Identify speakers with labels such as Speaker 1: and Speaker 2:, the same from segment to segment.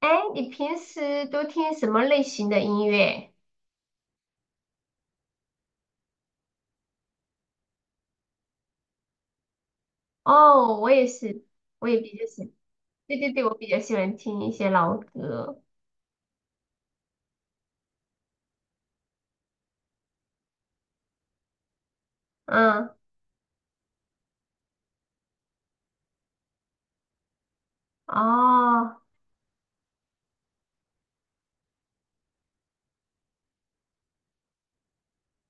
Speaker 1: 哎，你平时都听什么类型的音乐？哦，我也是，我也比较喜，对对对，我比较喜欢听一些老歌。嗯，哦，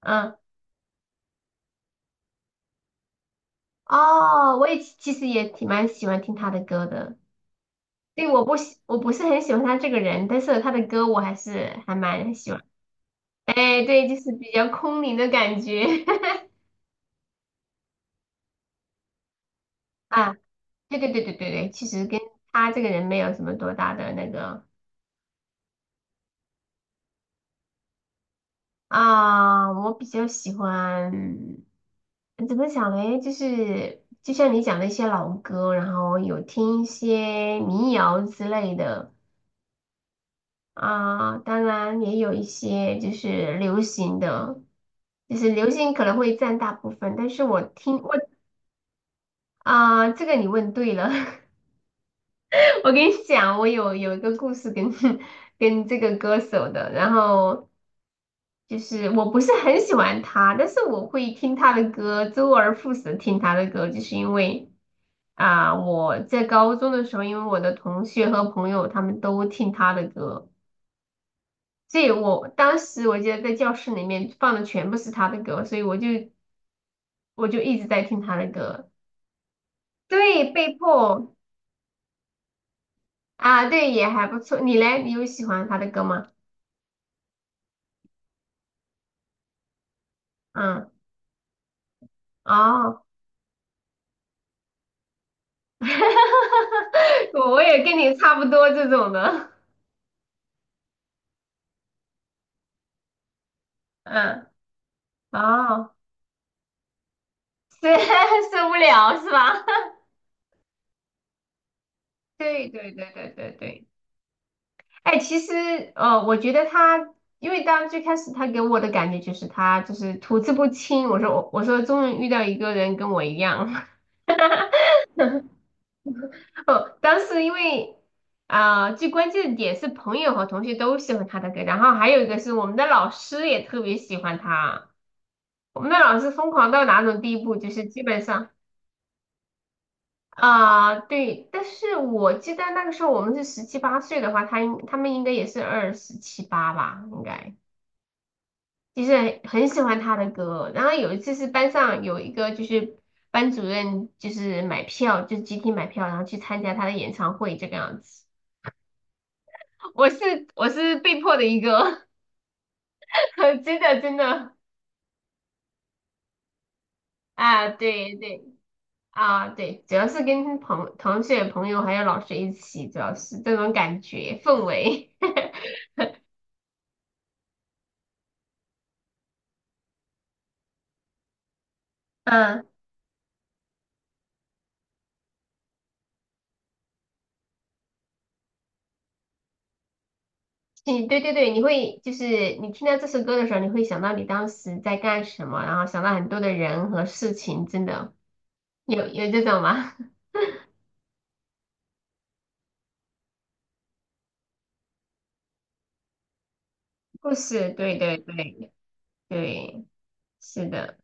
Speaker 1: 嗯，哦，我也其实也挺蛮喜欢听他的歌的。对，我不是很喜欢他这个人，但是他的歌我还是还蛮喜欢。哎，对，就是比较空灵的感觉。啊，对对对对对对，其实跟他这个人没有什么多大的那个。啊，我比较喜欢，怎么讲嘞？就是就像你讲的一些老歌，然后有听一些民谣之类的啊，当然也有一些就是流行的，就是流行可能会占大部分，但是我听我啊，这个你问对了，我跟你讲，我有一个故事跟 跟这个歌手的，然后。就是我不是很喜欢他，但是我会听他的歌，周而复始地听他的歌，就是因为啊、我在高中的时候，因为我的同学和朋友他们都听他的歌，所以我当时我记得在教室里面放的全部是他的歌，所以我就一直在听他的歌，对，被迫啊，对，也还不错。你嘞，你有喜欢他的歌吗？嗯，哦，我也跟你差不多这种的，嗯，哦。是 受不了是吧？对对对对对对，哎，其实我觉得他，因为当最开始他给我的感觉就是他就是吐字不清，我说终于遇到一个人跟我一样，哦，当时因为啊、最关键的点是朋友和同学都喜欢他的歌，然后还有一个是我们的老师也特别喜欢他，我们的老师疯狂到哪种地步，就是基本上。啊，对，但是我记得那个时候我们是十七八岁的话，他们应该也是二十七八吧，应该就是很喜欢他的歌。然后有一次是班上有一个就是班主任就是买票，就是集体买票，然后去参加他的演唱会这个样子。我是被迫的一个，真的真的啊，对对啊对，主要是跟同学朋友还有老师一起，主要是这种感觉氛围，嗯。你对对对，你会就是你听到这首歌的时候，你会想到你当时在干什么，然后想到很多的人和事情，真的有这种吗？故事，对对对对，是的。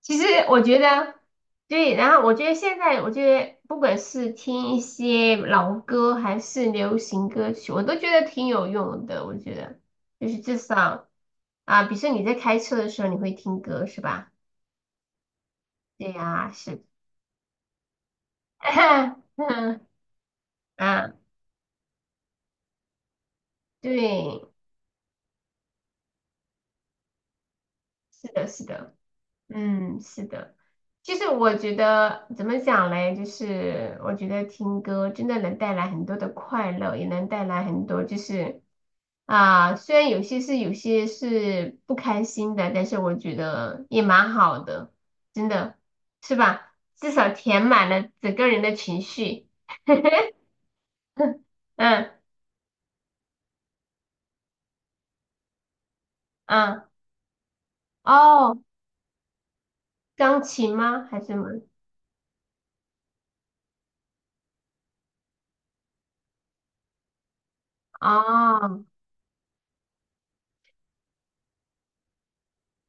Speaker 1: 其实我觉得，对，然后我觉得现在，我觉得不管是听一些老歌还是流行歌曲，我都觉得挺有用的。我觉得就是至少啊，比如说你在开车的时候，你会听歌是吧？对呀，是。嗯啊，对，是的，是的，嗯，是的。其实我觉得怎么讲嘞，就是我觉得听歌真的能带来很多的快乐，也能带来很多就是啊，虽然有些是不开心的，但是我觉得也蛮好的，真的是吧？至少填满了整个人的情绪。嗯嗯，哦，钢琴吗？还是什么？哦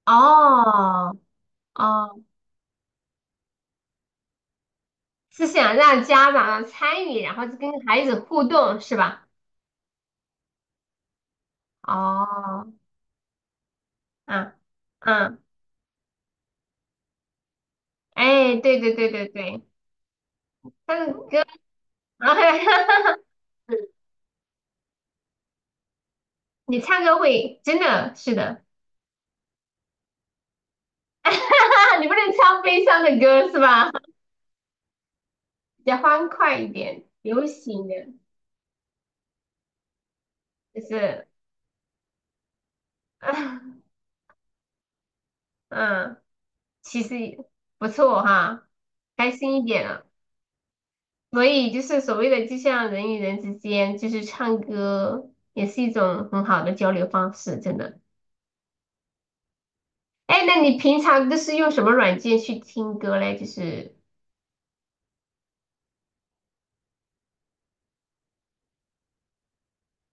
Speaker 1: 哦哦。是想让家长参与，然后跟孩子互动，是吧？哦，啊，嗯，哎，对对对对对，唱歌，你唱歌会真的是的，你不能唱悲伤的歌是吧？比较欢快一点，流行的，就是，嗯，其实不错哈，开心一点啊。所以就是所谓的，就像人与人之间，就是唱歌也是一种很好的交流方式，真的。哎，那你平常都是用什么软件去听歌嘞？就是，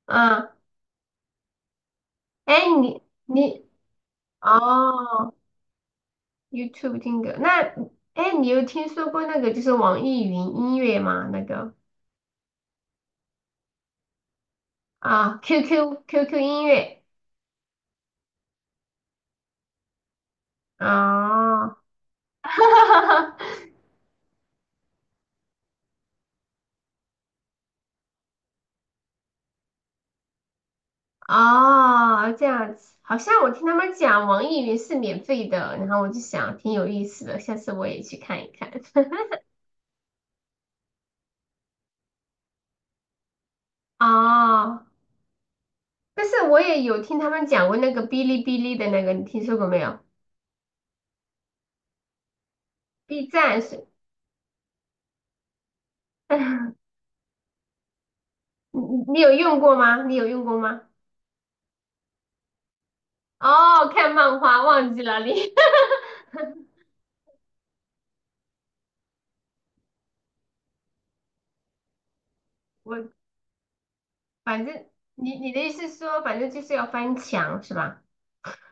Speaker 1: 嗯，哎，你哦，YouTube 听歌，那哎，你有听说过那个就是网易云音乐吗？那个啊，QQ QQ 音乐，哦，哦，这样子，好像我听他们讲网易云是免费的，然后我就想挺有意思的，下次我也去看一看。哦，但是我也有听他们讲过那个哔哩哔哩的那个，你听说过没有？B 站是，你有用过吗？你有用过吗？哦，看漫画忘记了你，我反正你的意思是说，反正就是要翻墙是吧？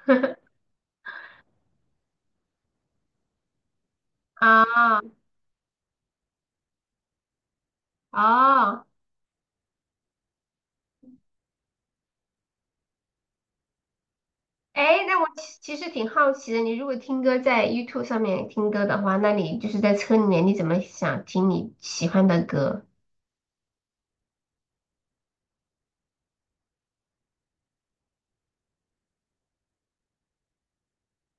Speaker 1: 啊、哦。哎，那我其实挺好奇的，你如果听歌在 YouTube 上面听歌的话，那你就是在车里面，你怎么想听你喜欢的歌？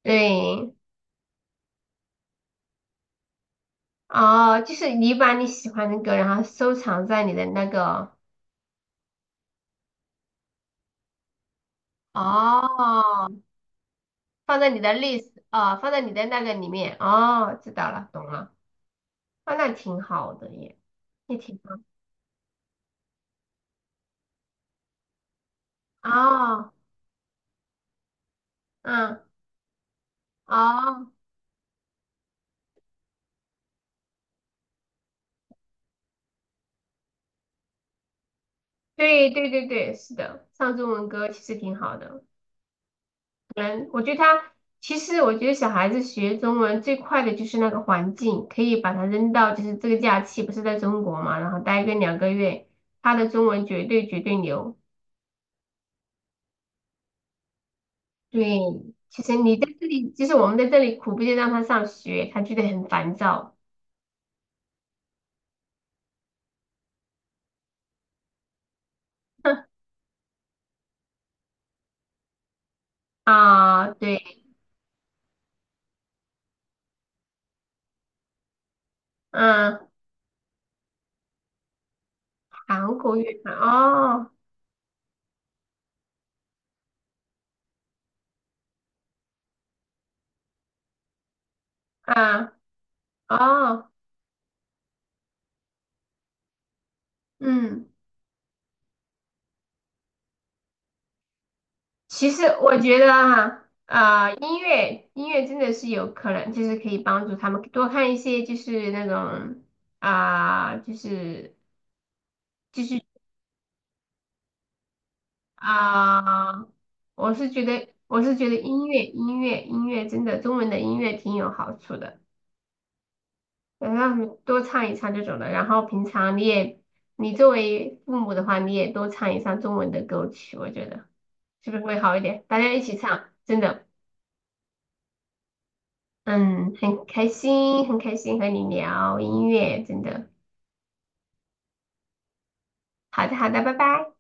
Speaker 1: 对，哦，就是你把你喜欢的歌，然后收藏在你的那个，哦，放在你的 list，哦，放在你的那个里面，哦，知道了，懂了，哦，那挺好的耶，也挺好，哦，嗯，哦，对对对对，是的，唱中文歌其实挺好的。嗯，我觉得他其实，我觉得小孩子学中文最快的就是那个环境，可以把他扔到就是这个假期不是在中国嘛，然后待个两个月，他的中文绝对绝对牛。对，其实你在这里，其实我们在这里苦逼的让他上学，他觉得很烦躁 啊。对，嗯，韩国语哦，啊，哦，嗯。其实我觉得哈，音乐音乐真的是有可能，就是可以帮助他们多看一些，就是那种啊、就是啊、我是觉得音乐音乐真的中文的音乐挺有好处的，让他们多唱一唱这种的。然后平常你也你作为父母的话，你也多唱一唱中文的歌曲，我觉得是不是会好一点？大家一起唱，真的。嗯，很开心，很开心和你聊音乐，真的。好的，好的，拜拜。